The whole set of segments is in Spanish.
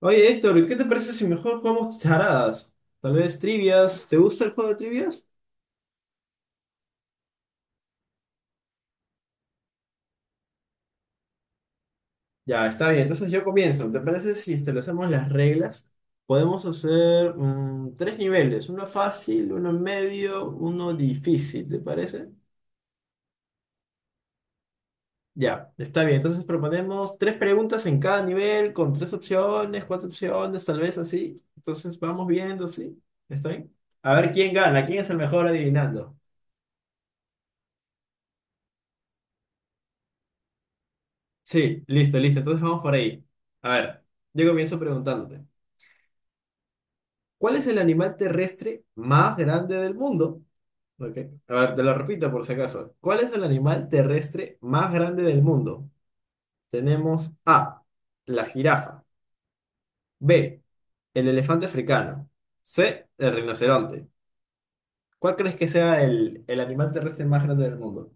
Oye, Héctor, ¿qué te parece si mejor jugamos charadas? Tal vez trivias. ¿Te gusta el juego de trivias? Ya, está bien. Entonces yo comienzo. ¿Te parece si establecemos las reglas? Podemos hacer tres niveles. Uno fácil, uno medio, uno difícil. ¿Te parece? Ya, está bien. Entonces proponemos tres preguntas en cada nivel con tres opciones, cuatro opciones, tal vez así. Entonces vamos viendo, ¿sí? ¿Está bien? A ver quién gana, quién es el mejor adivinando. Sí, listo, listo. Entonces vamos por ahí. A ver, yo comienzo preguntándote, ¿cuál es el animal terrestre más grande del mundo? Ok. A ver, te lo repito por si acaso. ¿Cuál es el animal terrestre más grande del mundo? Tenemos A, la jirafa, B, el elefante africano, C, el rinoceronte. ¿Cuál crees que sea el animal terrestre más grande del mundo?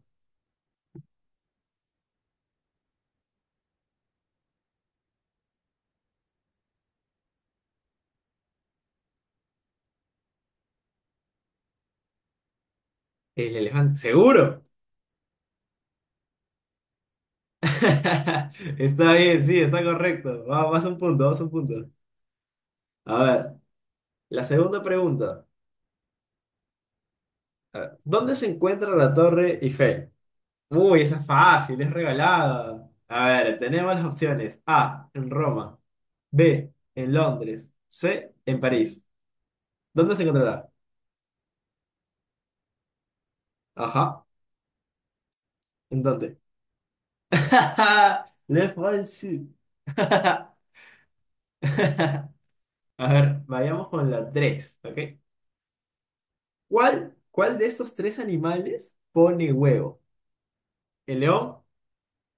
El elefante, seguro. Está bien, sí, está correcto. Va- Vas a un punto, vas a un punto. A ver. La segunda pregunta. A ver, ¿dónde se encuentra la Torre Eiffel? Uy, esa es fácil, es regalada. A ver, tenemos las opciones. A, en Roma. B, en Londres. C, en París. ¿Dónde se encontrará? Ajá, ¿en dónde? Le fancy. A ver, vayamos con la tres, ¿ok? ¿Cuál de estos tres animales pone huevo? ¿El león,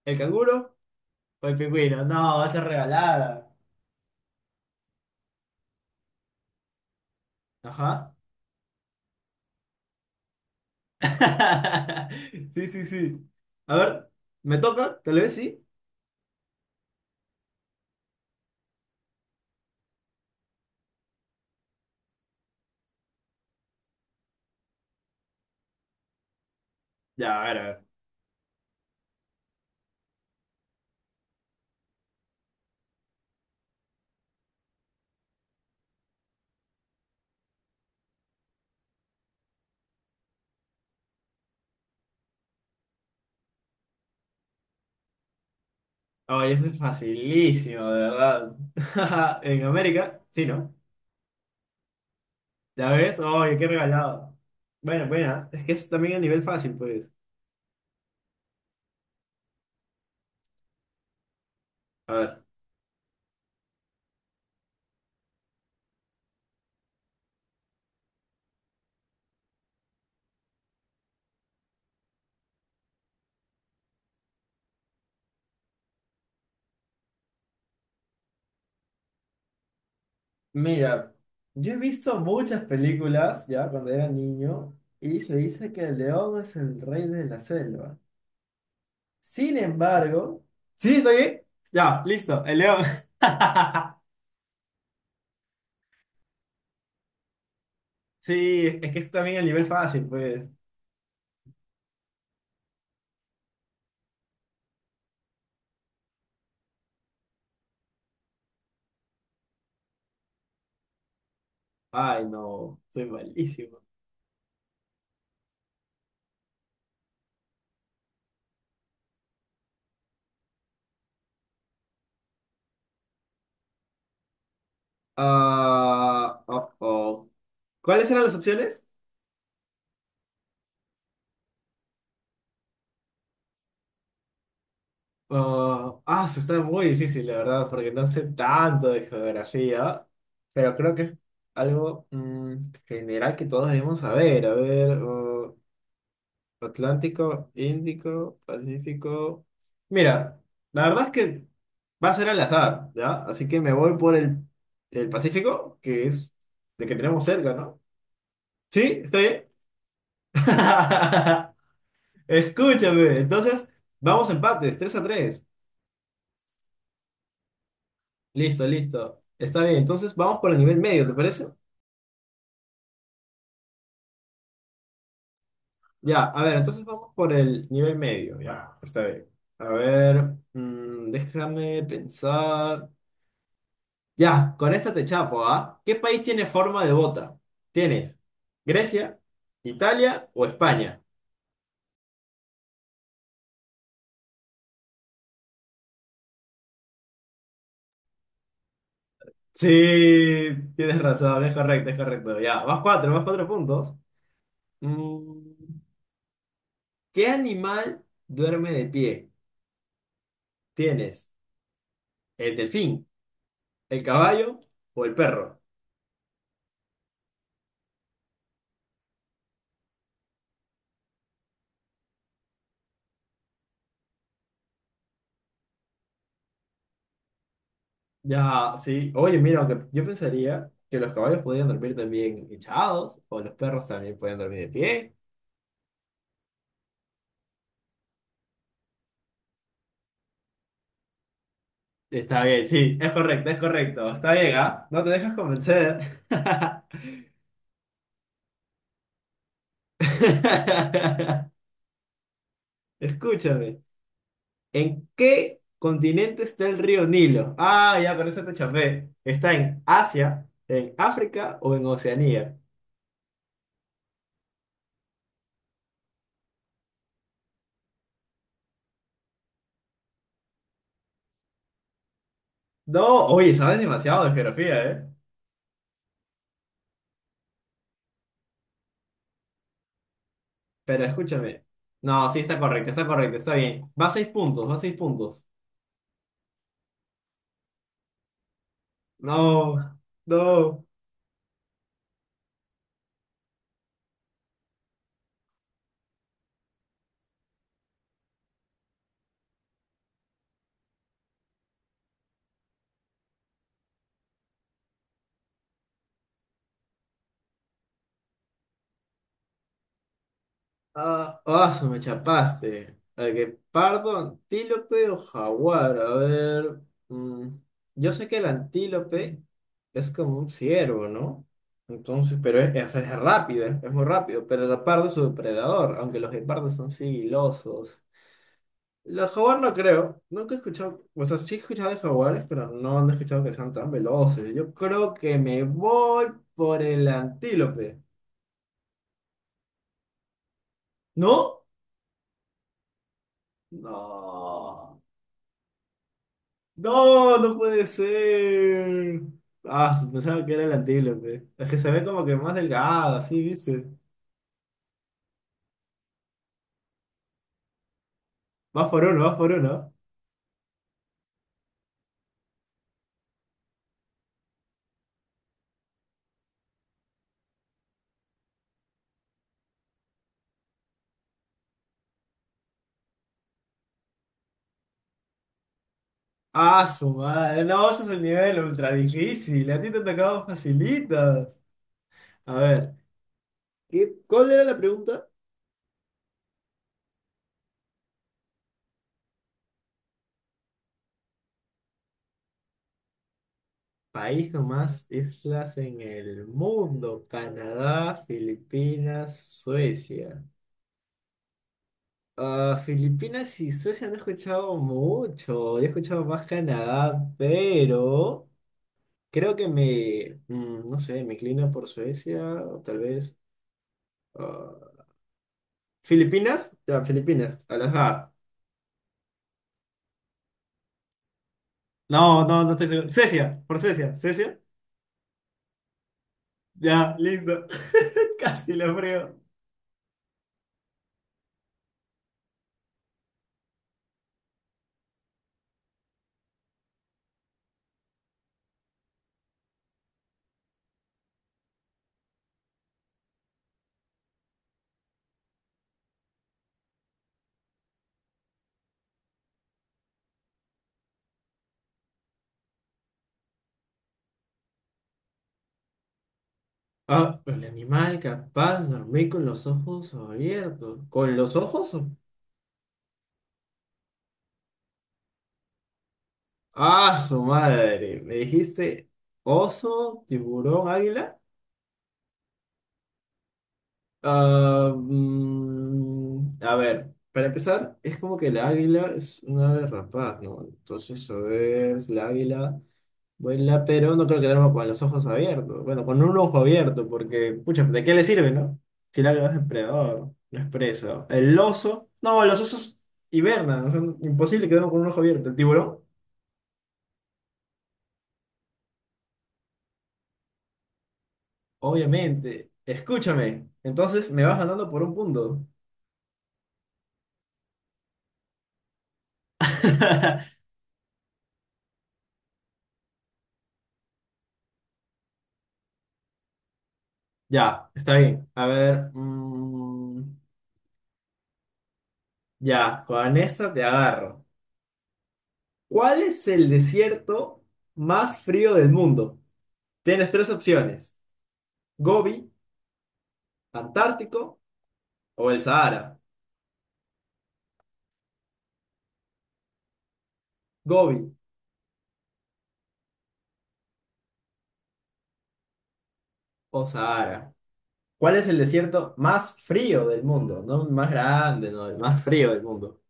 el canguro o el pingüino? No, va a ser regalada. Ajá. Sí, sí, sí. A ver, ¿me toca? Tal vez sí. Ya, a ver, a ver. Ay, eso es facilísimo, de verdad. En América, sí, ¿no? ¿Ya ves? Oye, qué regalado. Bueno, bueno, es que es también a nivel fácil, pues. A ver, mira, yo he visto muchas películas ya cuando era niño y se dice que el león es el rey de la selva. Sin embargo, ¿sí estoy bien? Ya, listo, el león. Sí, es que es también el nivel fácil, pues. Ay, no, soy malísimo. Ah, oh, oh. ¿Cuáles eran las opciones? Oh, ah, eso está muy difícil, la verdad, porque no sé tanto de geografía, pero creo que es algo general que todos debemos saber. A ver, oh, Atlántico, Índico, Pacífico. Mira, la verdad es que va a ser al azar, ¿ya? Así que me voy por el Pacífico, que es el que tenemos cerca, ¿no? ¿Sí? ¿Está bien? Escúchame. Entonces, vamos a empates, 3 a 3. Listo, listo. Está bien. Entonces, vamos por el nivel medio, ¿te parece? Ya, a ver, entonces vamos por el nivel medio, ya. Está bien. A ver, déjame pensar. Ya, con esta te chapo, ¿ah? ¿Qué país tiene forma de bota? ¿Tienes Grecia, Italia o España? Sí, tienes razón, es correcto, es correcto. Ya, más cuatro puntos. Mm, ¿Qué animal duerme de pie? ¿Tienes el delfín, el caballo o el perro? Ya, sí. Oye, mira, aunque yo pensaría que los caballos podían dormir también echados o los perros también pueden dormir de pie. Está bien, sí, es correcto, es correcto. Está bien, ¿ah? No te dejas convencer. Escúchame, ¿en qué continente está el río Nilo? Ah, ya, con eso te chafé. ¿Está en Asia, en África o en Oceanía? No, oye, sabes demasiado de geografía, ¿eh? Pero escúchame. No, sí, está correcto, está correcto, está bien. Va a seis puntos, va a seis puntos. No, no. Ah, ah, se me chapaste. A que pardo, antílope o jaguar. A ver. mm, yo sé que el antílope es como un ciervo, ¿no? Entonces, pero es rápido, es muy rápido. Pero el leopardo es su depredador, aunque los leopardos son sigilosos. Los jaguar no creo. Nunca he escuchado. O sea, sí he escuchado de jaguares, pero no, han escuchado que sean tan veloces. Yo creo que me voy por el antílope. ¿No? No. No, no puede ser. Ah, pensaba que era el antílope. Es que se ve como que más delgado, así, ¿viste? Vas por uno, vas por uno. Ah, su madre. No, ese es el nivel ultra difícil. A ti te ha tocado facilitas. A ver, ¿qué, cuál era la pregunta? País con más islas en el mundo. Canadá, Filipinas, Suecia. Ah, Filipinas y Suecia no he escuchado mucho. He escuchado más Canadá, pero... Creo que me, no sé, me inclina por Suecia, o tal vez. ah, ¿Filipinas? Ya, Filipinas, al azar. No, no, no estoy seguro. Suecia, por Suecia, Suecia. Ya, listo. Casi lo creo. Ah, el animal capaz de dormir con los ojos abiertos. ¿Con los ojos? O- Ah, su madre. ¿Me dijiste oso, tiburón, águila? Ah, a ver, para empezar, es como que el águila es una ave rapaz, ¿no? Entonces, a ver, si la águila vuela, pero no creo que duerma con los ojos abiertos. Bueno, con un ojo abierto, porque, pucha, ¿de qué le sirve, no? Si el águila es depredador, no es presa. El oso, no, los osos hibernan, o sea, imposible que duerman con un ojo abierto. El tiburón, obviamente. Escúchame, entonces me vas ganando por un punto. Ya, está bien. A ver. Ya, con esta te agarro. ¿Cuál es el desierto más frío del mundo? Tienes tres opciones: Gobi, Antártico o el Sahara. Gobi o Sahara. ¿Cuál es el desierto más frío del mundo? No el más grande, no, el más frío del mundo.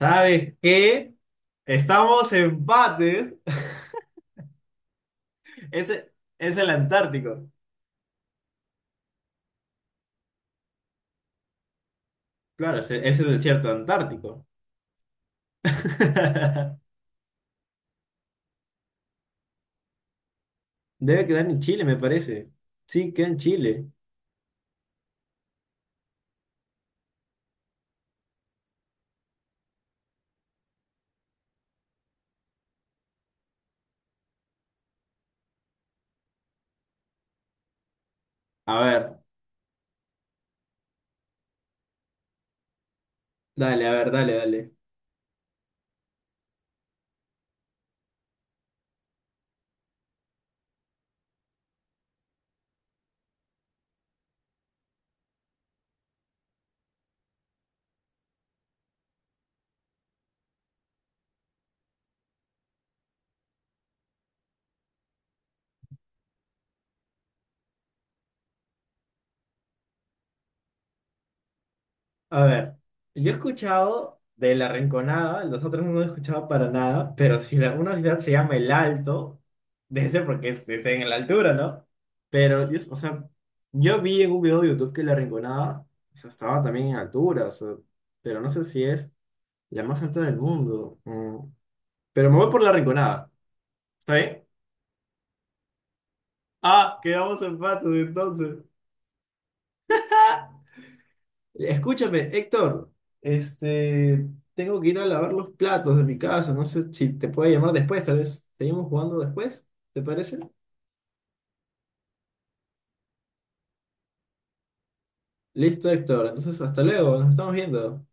¿Sabes qué? Estamos empates. Ese es el Antártico. Claro, es es el desierto antártico. Debe quedar en Chile, me parece. Sí, queda en Chile. A ver. Dale, a ver, dale, dale. A ver, yo he escuchado de La Rinconada, los otros no los he escuchado para nada, pero si la- una ciudad se llama El Alto, debe ser porque es- está en la altura, ¿no? Pero, yo, o sea, yo vi en un video de YouTube que La Rinconada, o sea, estaba también en altura, o sea, pero no sé si es la más alta del mundo. Mm. Pero me voy por La Rinconada, ¿está bien? Ah, quedamos empates entonces. Escúchame, Héctor, este, tengo que ir a lavar los platos de mi casa, no sé si te puedo llamar después, tal vez seguimos jugando después, ¿te parece? Listo, Héctor, entonces hasta luego, nos estamos viendo.